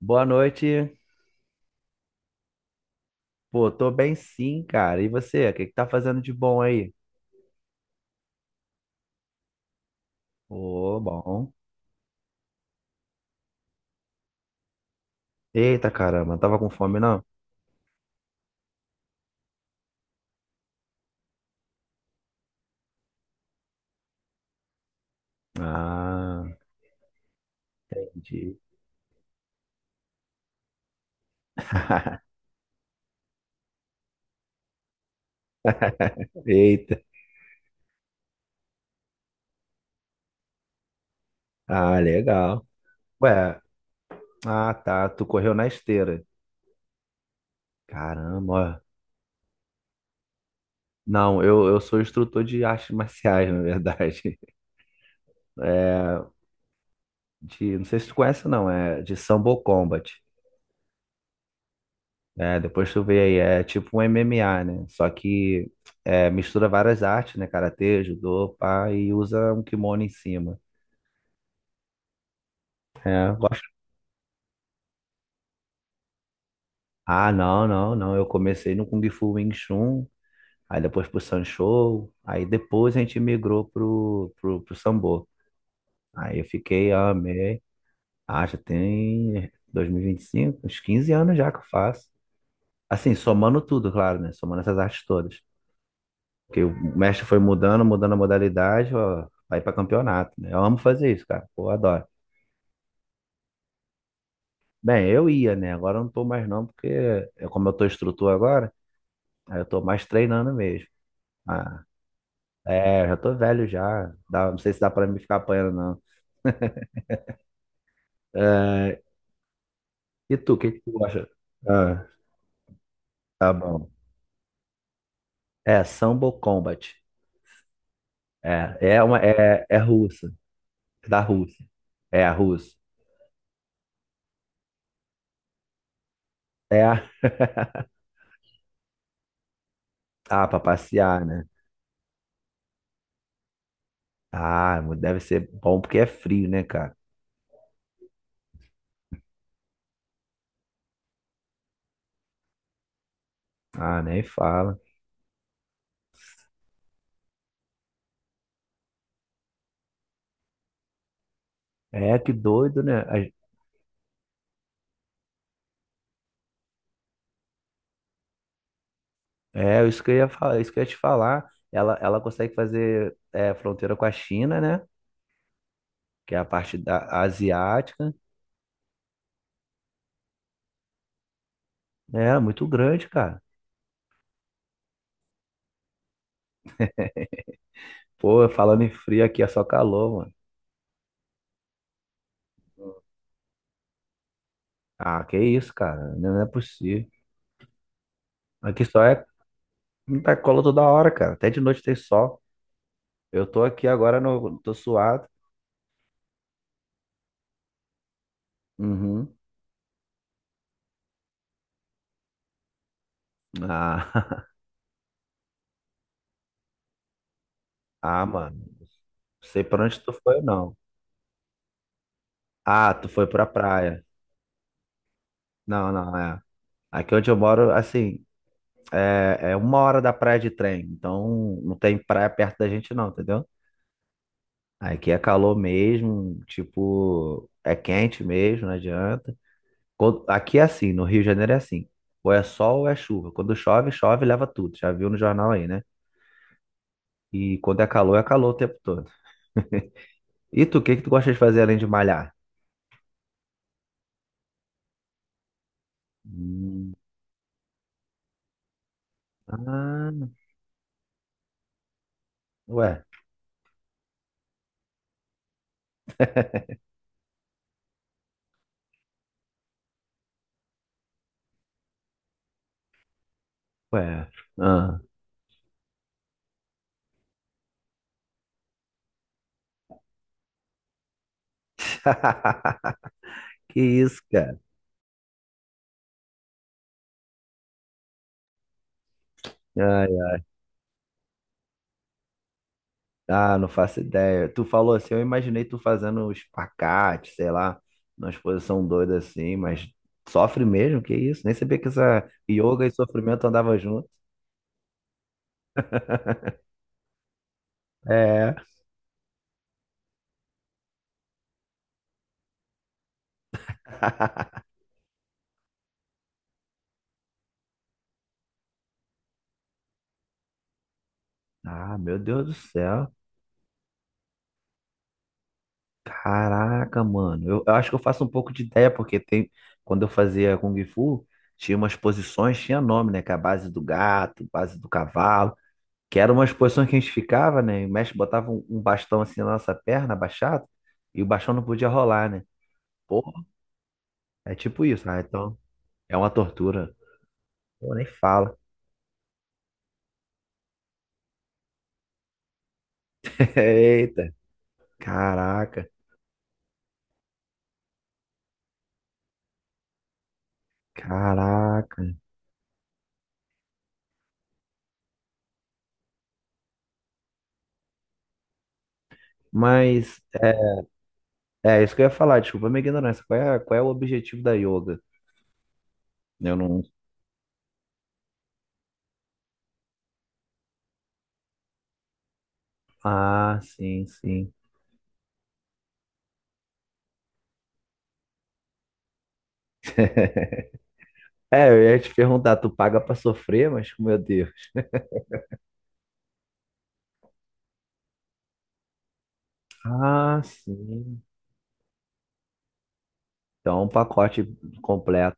Boa noite. Pô, tô bem sim, cara. E você? O que que tá fazendo de bom aí? Ô, bom. Eita, caramba, tava com fome, não? Ah, entendi. Eita. Ah, legal. Ué, ah, tá. Tu correu na esteira. Caramba, ó. Não, eu sou instrutor de artes marciais, na verdade. É, de, não sei se tu conhece, não. É de Sambo Combat. É, depois tu vê aí, é tipo um MMA, né? Só que é, mistura várias artes, né? Karatê, judô, pá, e usa um kimono em cima. É, eu gosto. Ah, não. Eu comecei no Kung Fu Wing Chun, aí depois pro Sanshou, aí depois a gente migrou pro Sambo. Aí eu fiquei, amei. Ah, já tem 2025, uns 15 anos já que eu faço. Assim, somando tudo, claro, né? Somando essas artes todas. Porque o mestre foi mudando, mudando a modalidade, ó, vai para campeonato, né? Eu amo fazer isso, cara. Pô, eu adoro. Bem, eu ia, né? Agora eu não tô mais não, porque eu, como eu tô instrutor agora, aí eu tô mais treinando mesmo. Ah, é, já tô velho já. Dá, não sei se dá para me ficar apanhando, não. É, e tu, o que que tu acha? Ah, tá bom. É, Sambo Combat. É, é russa, é da Rússia. É a russa. É a... Ah, pra passear, né? Ah, deve ser bom porque é frio, né, cara? Ah, nem fala. É, que doido, né? É, isso que eu ia falar, isso que eu ia te falar. Ela consegue fazer é, fronteira com a China, né? Que é a parte da asiática. É, muito grande, cara. Pô, falando em frio aqui é só calor, mano. Ah, que isso, cara? Não é possível. Aqui só é muita cola toda hora, cara. Até de noite tem sol. Eu tô aqui agora, no, tô suado. Uhum. Ah, ah, mano. Não sei pra onde tu foi, não. Ah, tu foi pra praia. Não, não, é. Aqui onde eu moro, assim, é uma hora da praia de trem. Então, não tem praia perto da gente, não, entendeu? Aqui é calor mesmo, tipo, é quente mesmo, não adianta. Aqui é assim, no Rio de Janeiro é assim. Ou é sol ou é chuva. Quando chove, chove, e leva tudo. Já viu no jornal aí, né? E quando é calor o tempo todo. E tu, o que que tu gosta de fazer além de malhar? Hum, ah, ué, ué. Ah. Que isso, cara? Ai, ah, não faço ideia. Tu falou assim, eu imaginei tu fazendo um espacate, sei lá, numa exposição doida assim, mas sofre mesmo, que isso? Nem sabia que essa yoga e sofrimento andavam junto. É. Ah, meu Deus do céu. Caraca, mano. Eu, acho que eu faço um pouco de ideia, porque tem, quando eu fazia Kung Fu, tinha umas posições, tinha nome, né? Que é a base do gato, base do cavalo. Que eram umas posições que a gente ficava, né? E o mestre botava um bastão assim na nossa perna, abaixado, e o bastão não podia rolar, né? Porra, é tipo isso. Ah, então é uma tortura. Pô, nem fala. Eita, caraca, caraca. Mas é isso que eu ia falar, desculpa a minha ignorância. Qual é o objetivo da yoga? Eu não. Ah, sim, sim. É, eu ia te perguntar, tu paga pra sofrer, mas meu Deus. Ah, sim. Então, um pacote completo.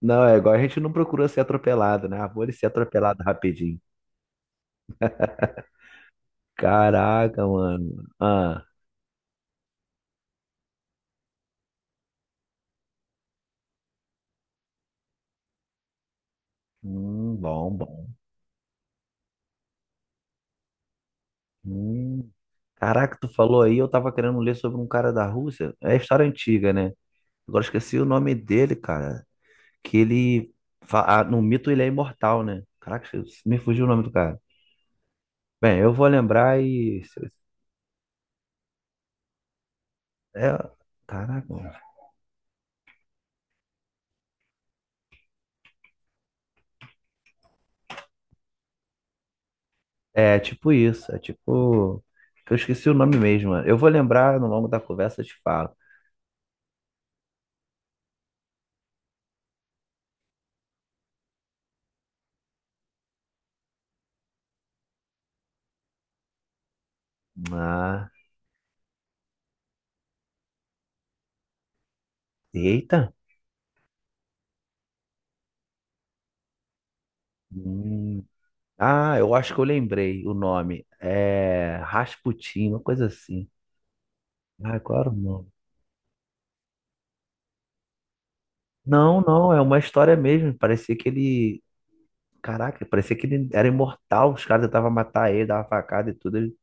Não, é igual a gente não procura ser atropelado, né? Ah, vou ele ser atropelado rapidinho. Caraca, mano. Ah, bom, bom. Hum. Caraca, tu falou aí, eu tava querendo ler sobre um cara da Rússia. É história antiga, né? Agora esqueci o nome dele, cara. Que ele fa- ah, no mito ele é imortal, né? Caraca, me fugiu o nome do cara. Bem, eu vou lembrar e. É... Caraca, mano. É tipo isso. É tipo. Eu esqueci o nome mesmo, mano. Eu vou lembrar no longo da conversa, eu te falo. Ah, eita. Hum. Ah, eu acho que eu lembrei o nome. É Rasputin, uma coisa assim. Ah, qual era o nome? Não, não, é uma história mesmo. Parecia que ele. Caraca, parecia que ele era imortal. Os caras tentavam matar ele, dava facada e tudo. Ele...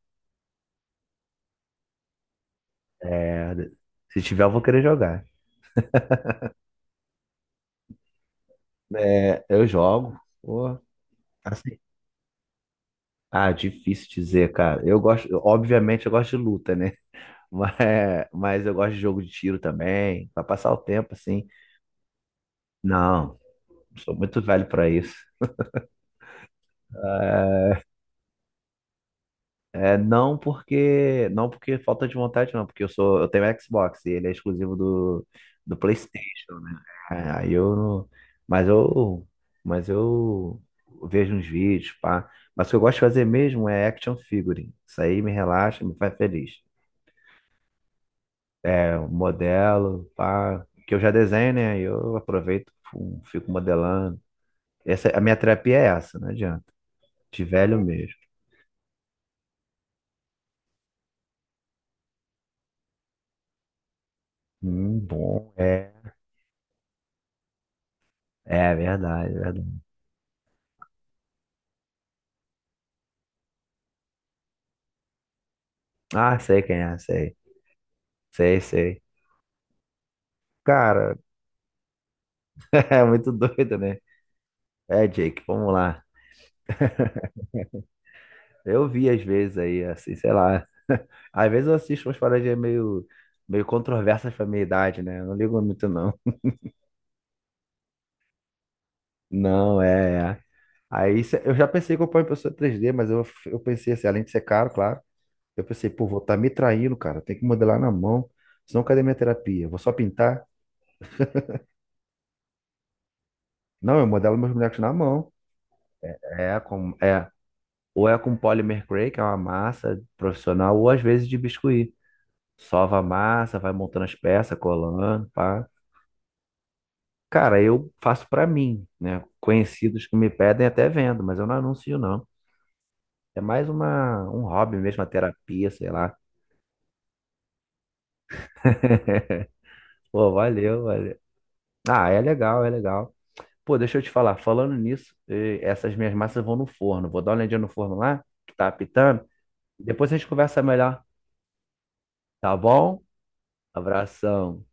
É, se tiver, eu vou querer jogar. É, eu jogo. Pô, assim. Ah, difícil dizer, cara. Eu gosto, obviamente, eu gosto de luta, né? Mas eu gosto de jogo de tiro também, pra passar o tempo, assim. Não, sou muito velho para isso. Não porque falta de vontade, não, porque eu tenho Xbox e ele é exclusivo do, do PlayStation, né? É, aí eu não, mas eu mas eu vejo uns vídeos, pá. Mas o que eu gosto de fazer mesmo é action figure. Isso aí me relaxa, me faz feliz. É um modelo, pá, que eu já desenho, né? Aí eu aproveito, fico modelando. Essa, a minha terapia é essa, não adianta. De velho mesmo. Bom. É. É verdade, é verdade. Ah, sei quem é, sei. Sei, sei. Cara, é muito doido, né? É, Jake, vamos lá. Eu vi às vezes aí, assim, sei lá. Às vezes eu assisto umas paradinhas meio, meio controversas pra minha idade, né? Eu não ligo muito, não. Não, é, é. Eu já pensei que eu ponho impressora 3D, mas eu, pensei assim, além de ser caro, claro, eu pensei, pô, vou estar me traindo, cara. Tem que modelar na mão. Senão cadê minha terapia? Vou só pintar? Não, eu modelo meus bonecos na mão. É. Ou é com polymer cray, que é uma massa profissional, ou às vezes de biscuit. Sova a massa, vai montando as peças, colando, pá. Cara, eu faço pra mim, né? Conhecidos que me pedem até vendo, mas eu não anuncio não. É mais uma, um hobby mesmo, uma terapia, sei lá. Pô, valeu, valeu. Ah, é legal, é legal. Pô, deixa eu te falar, falando nisso, eh, essas minhas massas vão no forno. Vou dar uma olhadinha no forno lá, que tá apitando. Depois a gente conversa melhor, tá bom? Abração.